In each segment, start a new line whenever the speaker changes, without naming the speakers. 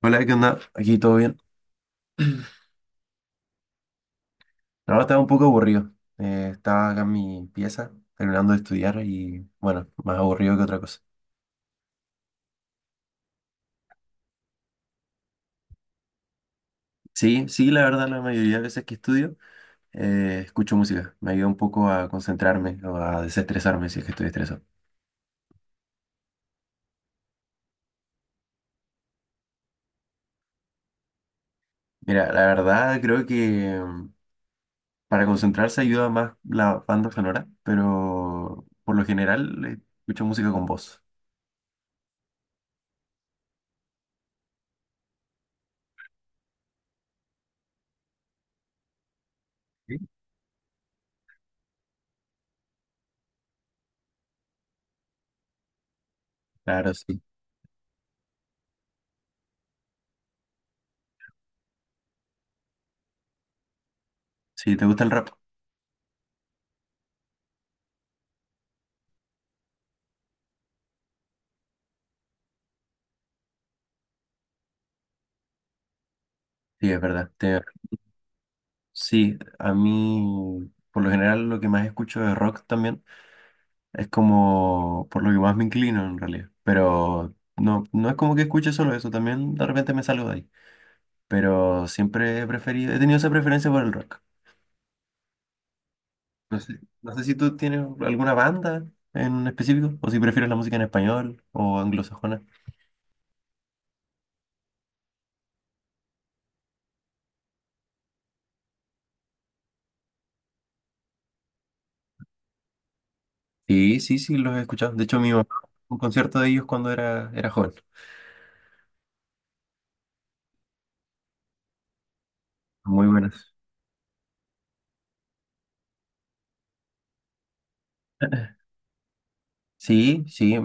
Hola, ¿qué onda? Aquí todo bien. Ahora estaba un poco aburrido. Estaba acá en mi pieza terminando de estudiar y bueno, más aburrido que otra cosa. Sí, la verdad, la mayoría de veces que estudio, escucho música. Me ayuda un poco a concentrarme o a desestresarme si es que estoy estresado. Mira, la verdad creo que para concentrarse ayuda más la banda sonora, pero por lo general escucho música con voz. Sí. Claro, sí. Sí, ¿te gusta el rap? Sí, es verdad. Sí, a mí por lo general lo que más escucho de rock también es como por lo que más me inclino en realidad. Pero no, no es como que escuche solo eso, también de repente me salgo de ahí. Pero siempre he preferido, he tenido esa preferencia por el rock. No sé, si tú tienes alguna banda en específico o si prefieres la música en español o anglosajona. Sí, los he escuchado. De hecho, mi mamá, un concierto de ellos cuando era joven. Muy buenas. Sí, sí.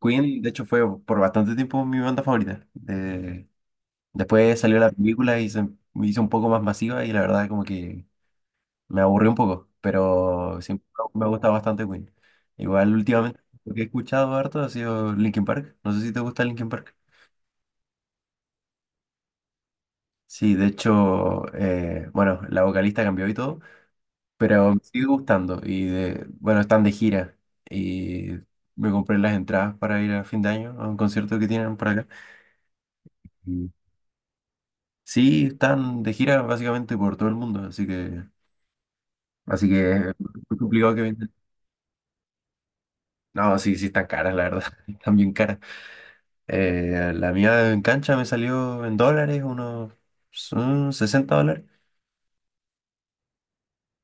Queen, de hecho, fue por bastante tiempo mi banda favorita. Después salió la película y se me hizo un poco más masiva y la verdad como que me aburrió un poco, pero siempre me ha gustado bastante Queen. Igual últimamente lo que he escuchado harto ha sido Linkin Park. No sé si te gusta Linkin Park. Sí, de hecho, bueno, la vocalista cambió y todo, pero me sigue gustando y de, bueno, están de gira y me compré las entradas para ir a fin de año a un concierto que tienen por acá. Sí, están de gira básicamente por todo el mundo, así que es muy complicado que vendan. No, sí, están caras, la verdad, están bien caras. La mía en cancha me salió en dólares, unos $60.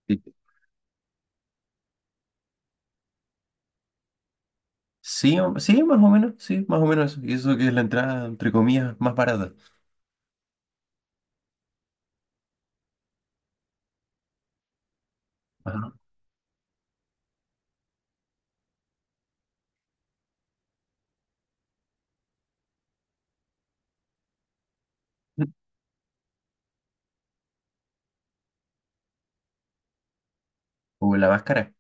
Sí, sí, sí, más o menos, sí, más o menos eso. Y eso que es la entrada, entre comillas, más barata. Ajá. O la máscara,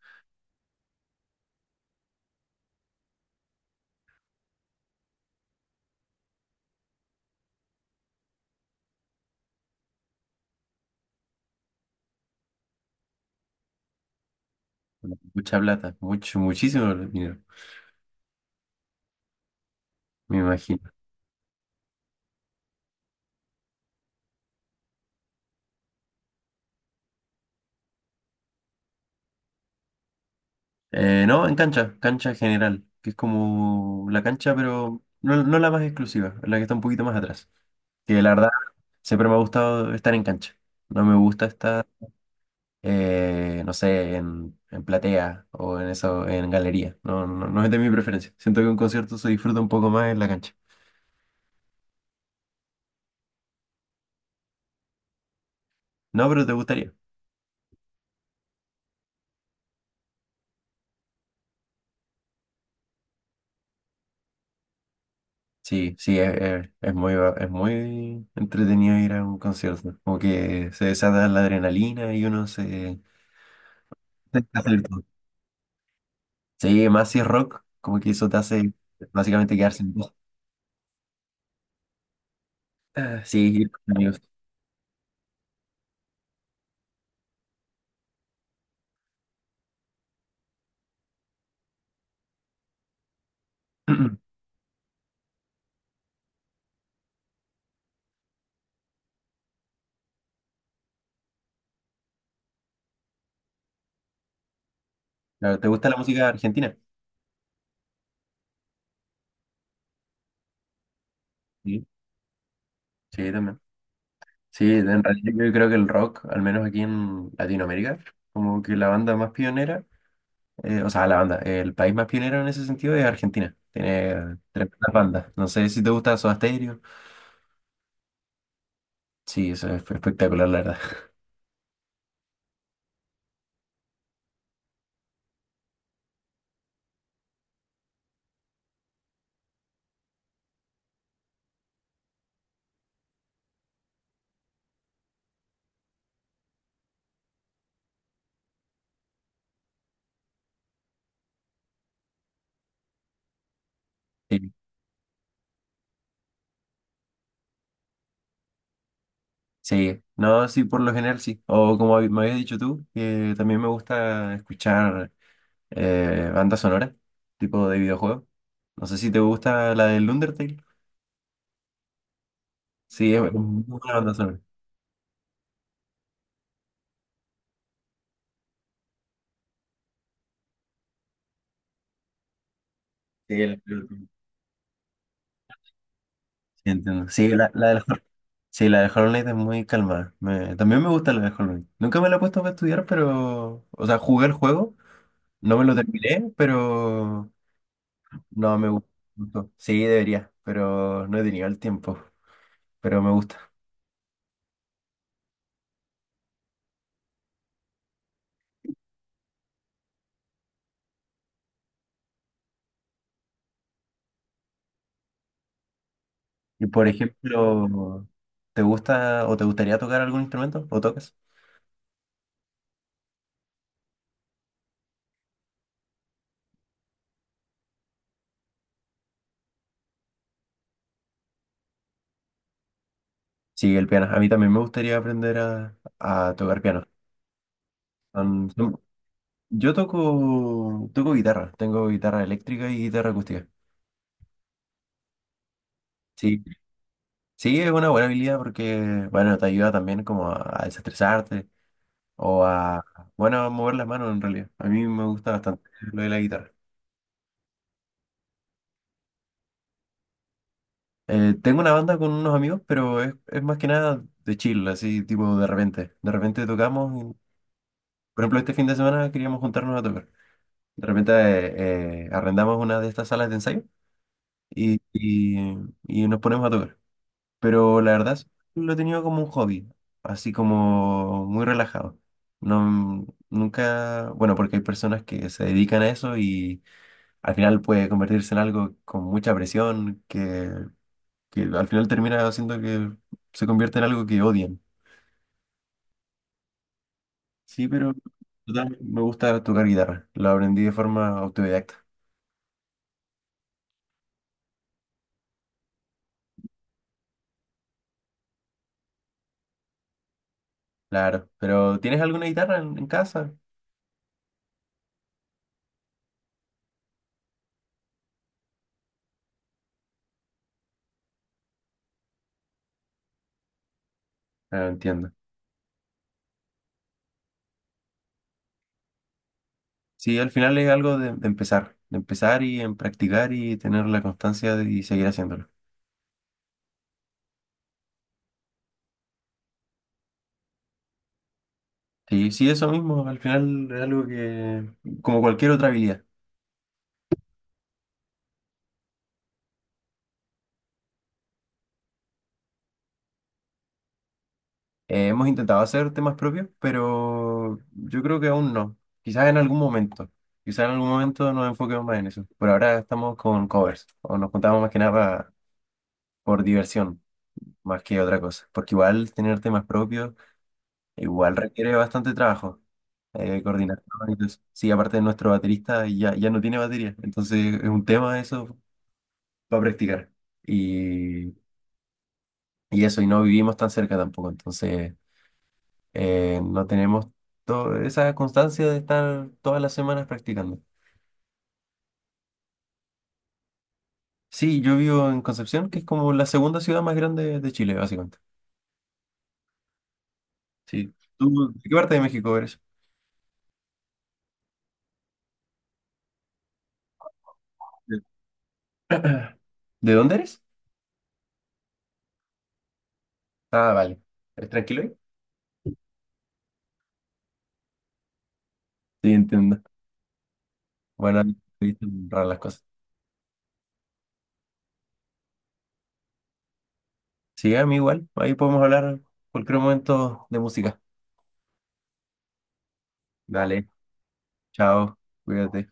mucha plata, mucho, muchísimo dinero, me imagino. No, en cancha, cancha general, que es como la cancha, pero no, no la más exclusiva, la que está un poquito más atrás. Que la verdad, siempre me ha gustado estar en cancha. No me gusta estar, no sé, en platea o en eso, en galería. No, es de mi preferencia. Siento que un concierto se disfruta un poco más en la cancha. No, pero te gustaría. Sí, sí, es muy, es muy entretenido ir a un concierto. Como que se desata la adrenalina y uno se... se hace. Sí, más si es rock, como que eso te hace básicamente quedarse en voz. Ah, sí, ir con amigos. Claro, ¿te gusta la música argentina? Sí, sí, también. Sí, en realidad yo creo que el rock, al menos aquí en Latinoamérica, como que la banda más pionera, o sea, la banda, el país más pionero en ese sentido es Argentina. Tiene 3 bandas. No sé si te gusta Soda Stereo. Sí, eso es espectacular, la verdad. Sí, sí. No, sí, por lo general sí. O como me habías dicho tú, que también me gusta escuchar banda sonora, tipo de videojuego. No sé si te gusta la del Undertale. Sí, es muy buena banda sonora. Sí, entiendo. Sí, la del, sí, la del Hollow Knight es muy calmada. Me, también me gusta la del Hollow Knight. Nunca me la he puesto para estudiar, pero. O sea, jugué el juego, no me lo terminé, pero. No, me gu- Gustó. Sí, debería, pero no he tenido el tiempo. Pero me gusta. Y por ejemplo, ¿te gusta o te gustaría tocar algún instrumento? ¿O tocas? Sí, el piano. A mí también me gustaría aprender a tocar piano. Son- son- yo toco, toco guitarra. Tengo guitarra eléctrica y guitarra acústica. Sí, sí, es una buena habilidad porque, bueno, te ayuda también como a desestresarte o a, bueno, a mover las manos en realidad. A mí me gusta bastante lo de la guitarra. Tengo una banda con unos amigos, pero es más que nada de chill, así tipo de repente. De repente tocamos, y, por ejemplo, este fin de semana queríamos juntarnos a tocar. De repente arrendamos una de estas salas de ensayo. Y y nos ponemos a tocar. Pero la verdad, siempre lo he tenido como un hobby, así como muy relajado. No, nunca, bueno, porque hay personas que se dedican a eso y al final puede convertirse en algo con mucha presión, que al final termina haciendo que se convierta en algo que odian. Sí, pero total, me gusta tocar guitarra. Lo aprendí de forma autodidacta. Claro, pero ¿tienes alguna guitarra en casa? Ah, entiendo. Sí, al final es algo de empezar y en practicar y tener la constancia de- y seguir haciéndolo. Sí, sí, eso mismo, al final es algo que, como cualquier otra habilidad. Hemos intentado hacer temas propios, pero yo creo que aún no. Quizás en algún momento, quizás en algún momento nos enfoquemos más en eso. Por ahora estamos con covers, o nos juntamos más que nada por diversión, más que otra cosa. Porque igual tener temas propios, igual requiere bastante trabajo. Coordinación y todo eso. Sí, aparte de nuestro baterista ya no tiene batería, entonces es un tema eso para practicar. Y, y eso, y no vivimos tan cerca tampoco, entonces no tenemos esa constancia de estar todas las semanas practicando. Sí, yo vivo en Concepción, que es como la segunda ciudad más grande de Chile, básicamente. Sí. ¿Tú de qué parte de México eres? ¿De ¿De dónde eres? Ah, vale. ¿Eres tranquilo ahí? Sí, entiendo. Bueno, ahí te raras las cosas. Sí, a mí igual. Ahí podemos hablar cualquier momento de música. Dale, chao, cuídate.